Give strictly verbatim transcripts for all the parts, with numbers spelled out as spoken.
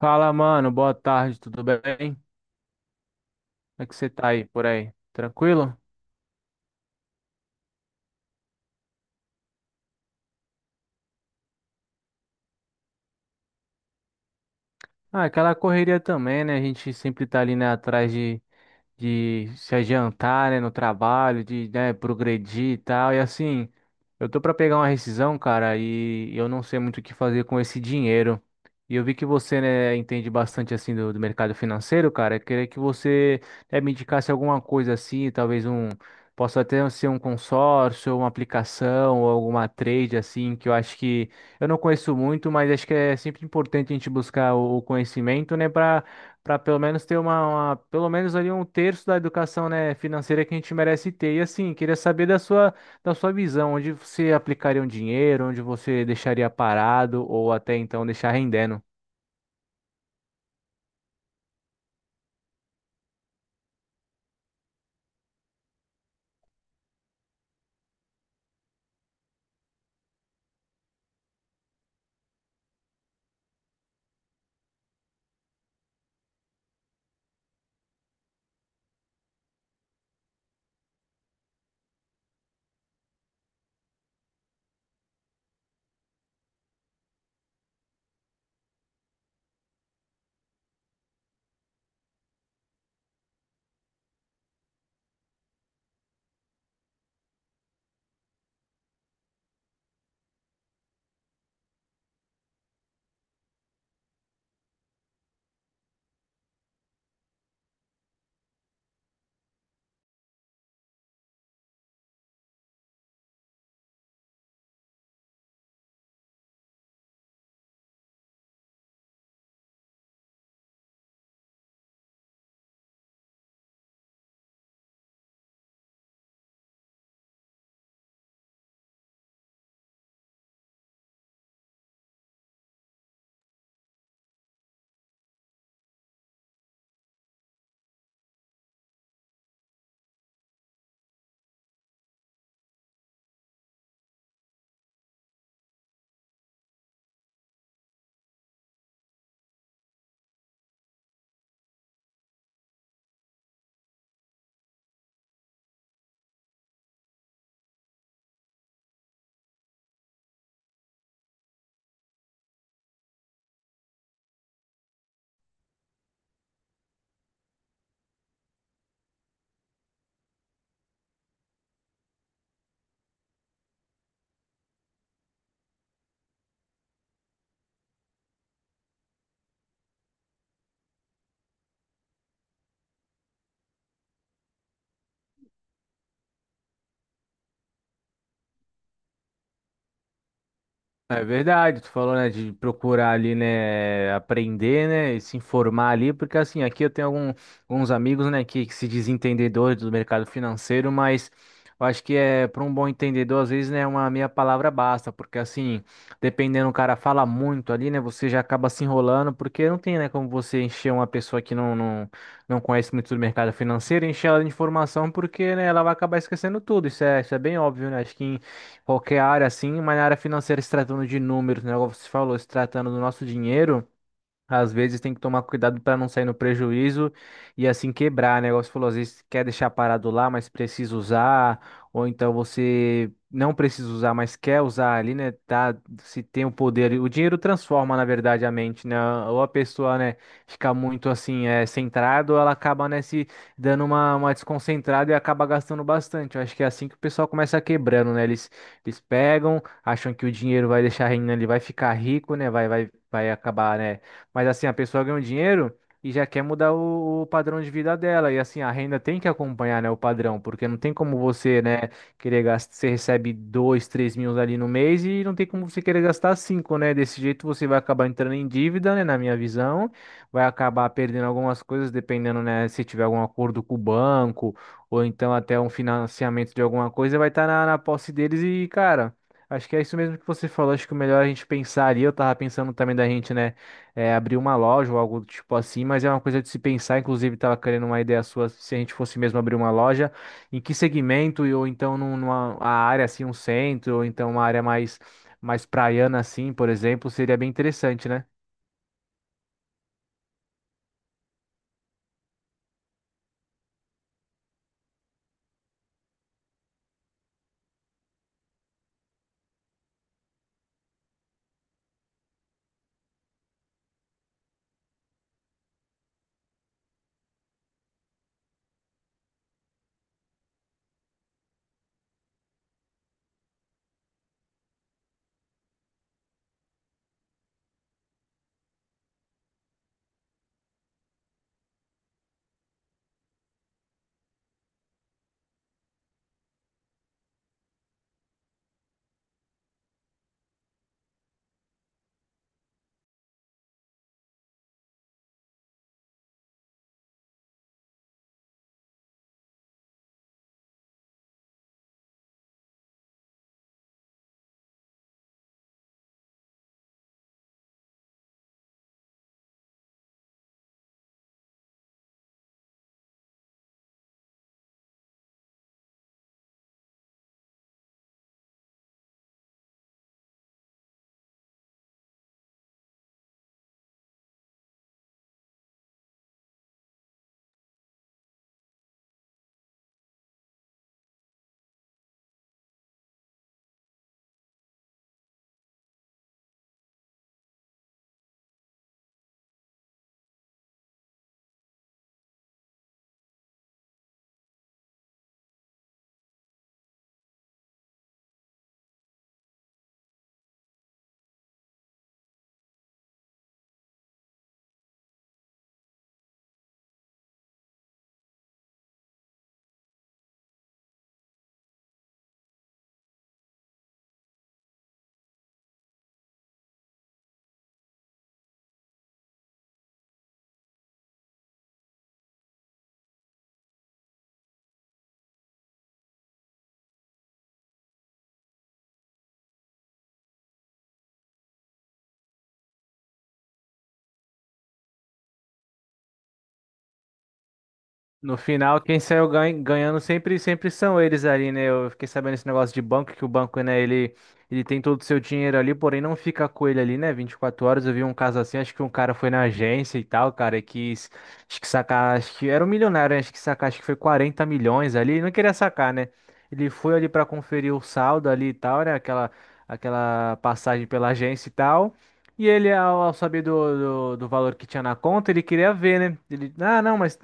Fala, mano, boa tarde, tudo bem? Como é que você tá aí por aí? Tranquilo? Ah, aquela correria também, né? A gente sempre tá ali, né, atrás de, de se adiantar, né, no trabalho, de, né, progredir e tal. E assim, eu tô pra pegar uma rescisão, cara, e eu não sei muito o que fazer com esse dinheiro. E eu vi que você, né, entende bastante assim do, do mercado financeiro, cara. Eu queria que você, né, me indicasse alguma coisa assim, talvez um Possa até ser um consórcio, uma aplicação ou alguma trade assim, que eu acho que eu não conheço muito, mas acho que é sempre importante a gente buscar o o conhecimento, né, para para pelo menos ter uma, uma- pelo menos ali um terço da educação, né, financeira que a gente merece ter. E assim, queria saber da sua, da sua visão, onde você aplicaria um dinheiro, onde você deixaria parado ou até então deixar rendendo. É verdade, tu falou, né, de procurar ali, né, aprender, né, e se informar ali, porque assim, aqui eu tenho algum- alguns amigos, né, que, que se dizem entendedores do mercado financeiro, mas eu acho que é, para um bom entendedor, às vezes, né, uma meia palavra basta, porque assim, dependendo, o cara fala muito ali, né, você já acaba se enrolando, porque não tem, né, como você encher uma pessoa que não, não, não conhece muito do mercado financeiro, encher ela de informação, porque, né, ela vai acabar esquecendo tudo, isso é, isso é bem óbvio, né, acho que qualquer área assim, mas na área financeira, se tratando de números, né? Como você falou, se tratando do nosso dinheiro. Às vezes tem que tomar cuidado para não sair no prejuízo e assim quebrar, né? Igual você falou, às vezes quer deixar parado lá, mas precisa usar, ou então você não precisa usar, mas quer usar ali, né? Tá, se tem o poder. O dinheiro transforma, na verdade, a mente, né? Ou a pessoa, né, fica muito assim, é, centrada, ou ela acaba, né, se dando uma, uma desconcentrada e acaba gastando bastante. Eu acho que é assim que o pessoal começa quebrando, né? Eles, eles pegam, acham que o dinheiro vai deixar rendendo, ele vai ficar rico, né? Vai, vai, vai acabar, né? Mas assim, a pessoa ganha um dinheiro e já quer mudar o, o padrão de vida dela. E assim, a renda tem que acompanhar, né, o padrão, porque não tem como você, né, querer gastar. Você recebe dois, três mil ali no mês e não tem como você querer gastar cinco, né? Desse jeito você vai acabar entrando em dívida, né, na minha visão. Vai acabar perdendo algumas coisas, dependendo, né, se tiver algum acordo com o banco ou então até um financiamento de alguma coisa, vai estar na, na posse deles e, cara. Acho que é isso mesmo que você falou. Acho que o melhor é a gente pensar ali. Eu tava pensando também da gente, né? é, abrir uma loja ou algo do tipo assim, mas é uma coisa de se pensar. Inclusive, estava querendo uma ideia sua se a gente fosse mesmo abrir uma loja, em que segmento, e ou então num- numa a área assim, um centro, ou então uma área mais, mais praiana assim, por exemplo, seria bem interessante, né? No final, quem saiu ganha- ganhando sempre, sempre, são eles ali, né? Eu fiquei sabendo esse negócio de banco, que o banco, né, ele, ele tem todo o seu dinheiro ali, porém não fica com ele ali, né? Vinte e quatro horas. Eu vi um caso assim, acho que um cara foi na agência e tal, cara, e quis, acho que sacar, acho que era um milionário, né? Acho que sacar, acho que foi quarenta milhões ali, ele não queria sacar, né? Ele foi ali pra conferir o saldo ali e tal, né? Aquela, aquela passagem pela agência e tal. E ele, ao, ao saber do, do, do valor que tinha na conta, ele queria ver, né? Ele, ah, não, mas.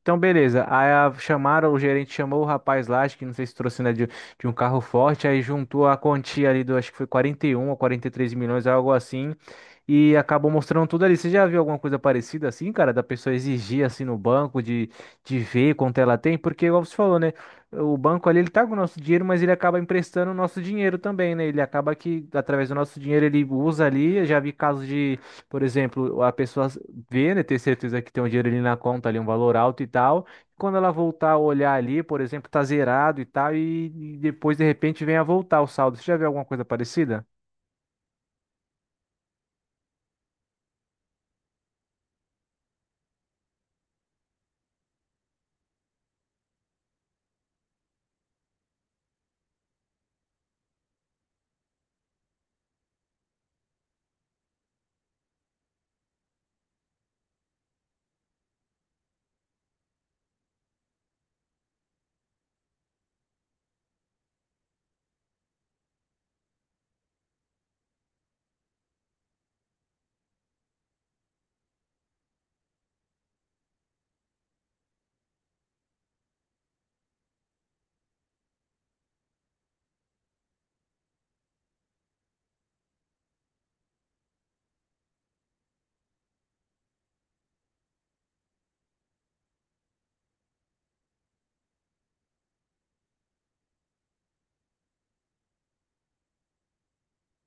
Então, beleza. Aí a- chamaram, o gerente chamou o rapaz lá, acho que não sei se trouxe, né, de, de um carro forte, aí juntou a quantia ali do, acho que foi quarenta e um ou quarenta e três milhões, algo assim, e acabou mostrando tudo ali. Você já viu alguma coisa parecida assim, cara, da pessoa exigir assim no banco, de, de ver quanto ela tem? Porque, igual você falou, né, o banco ali, ele tá com o nosso dinheiro, mas ele acaba emprestando o nosso dinheiro também, né? Ele acaba que, através do nosso dinheiro, ele usa ali, eu já vi casos de, por exemplo, a pessoa vê, né, ter certeza que tem um dinheiro ali na conta, ali um valor alto e tal. Quando ela voltar a olhar ali, por exemplo, tá zerado e tal, e e depois de repente vem a voltar o saldo. Você já viu alguma coisa parecida?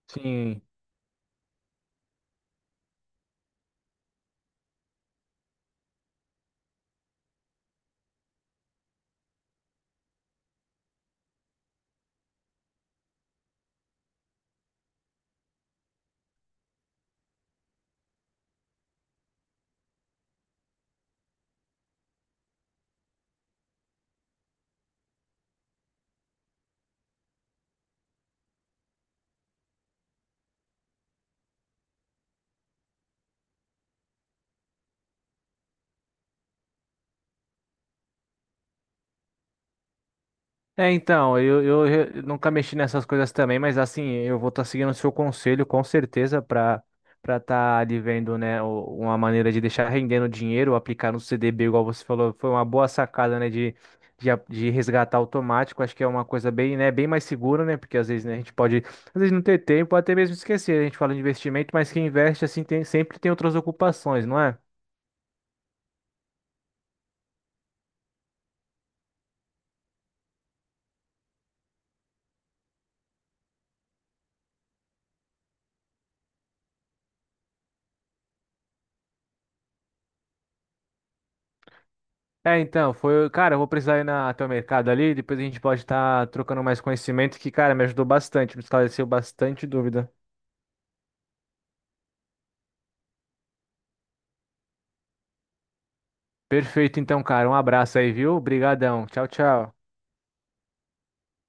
Sim. É, então, eu, eu, re- nunca mexi nessas coisas também, mas assim, eu vou estar seguindo o seu conselho com certeza para para estar ali vendo, né, o- uma maneira de deixar rendendo dinheiro, aplicar no C D B, igual você falou, foi uma boa sacada, né, de, de, a- de resgatar automático, acho que é uma coisa bem, né, bem mais segura, né, porque às vezes, né, a gente pode, às vezes não ter tempo, até mesmo esquecer, a gente fala de investimento, mas quem investe, assim, tem, sempre tem outras ocupações, não é? É, então, foi. Cara, eu vou precisar ir na, até o mercado ali, depois a gente pode estar trocando mais conhecimento, que, cara, me ajudou bastante, me esclareceu bastante dúvida. Perfeito, então, cara. Um abraço aí, viu? Obrigadão. Tchau, tchau.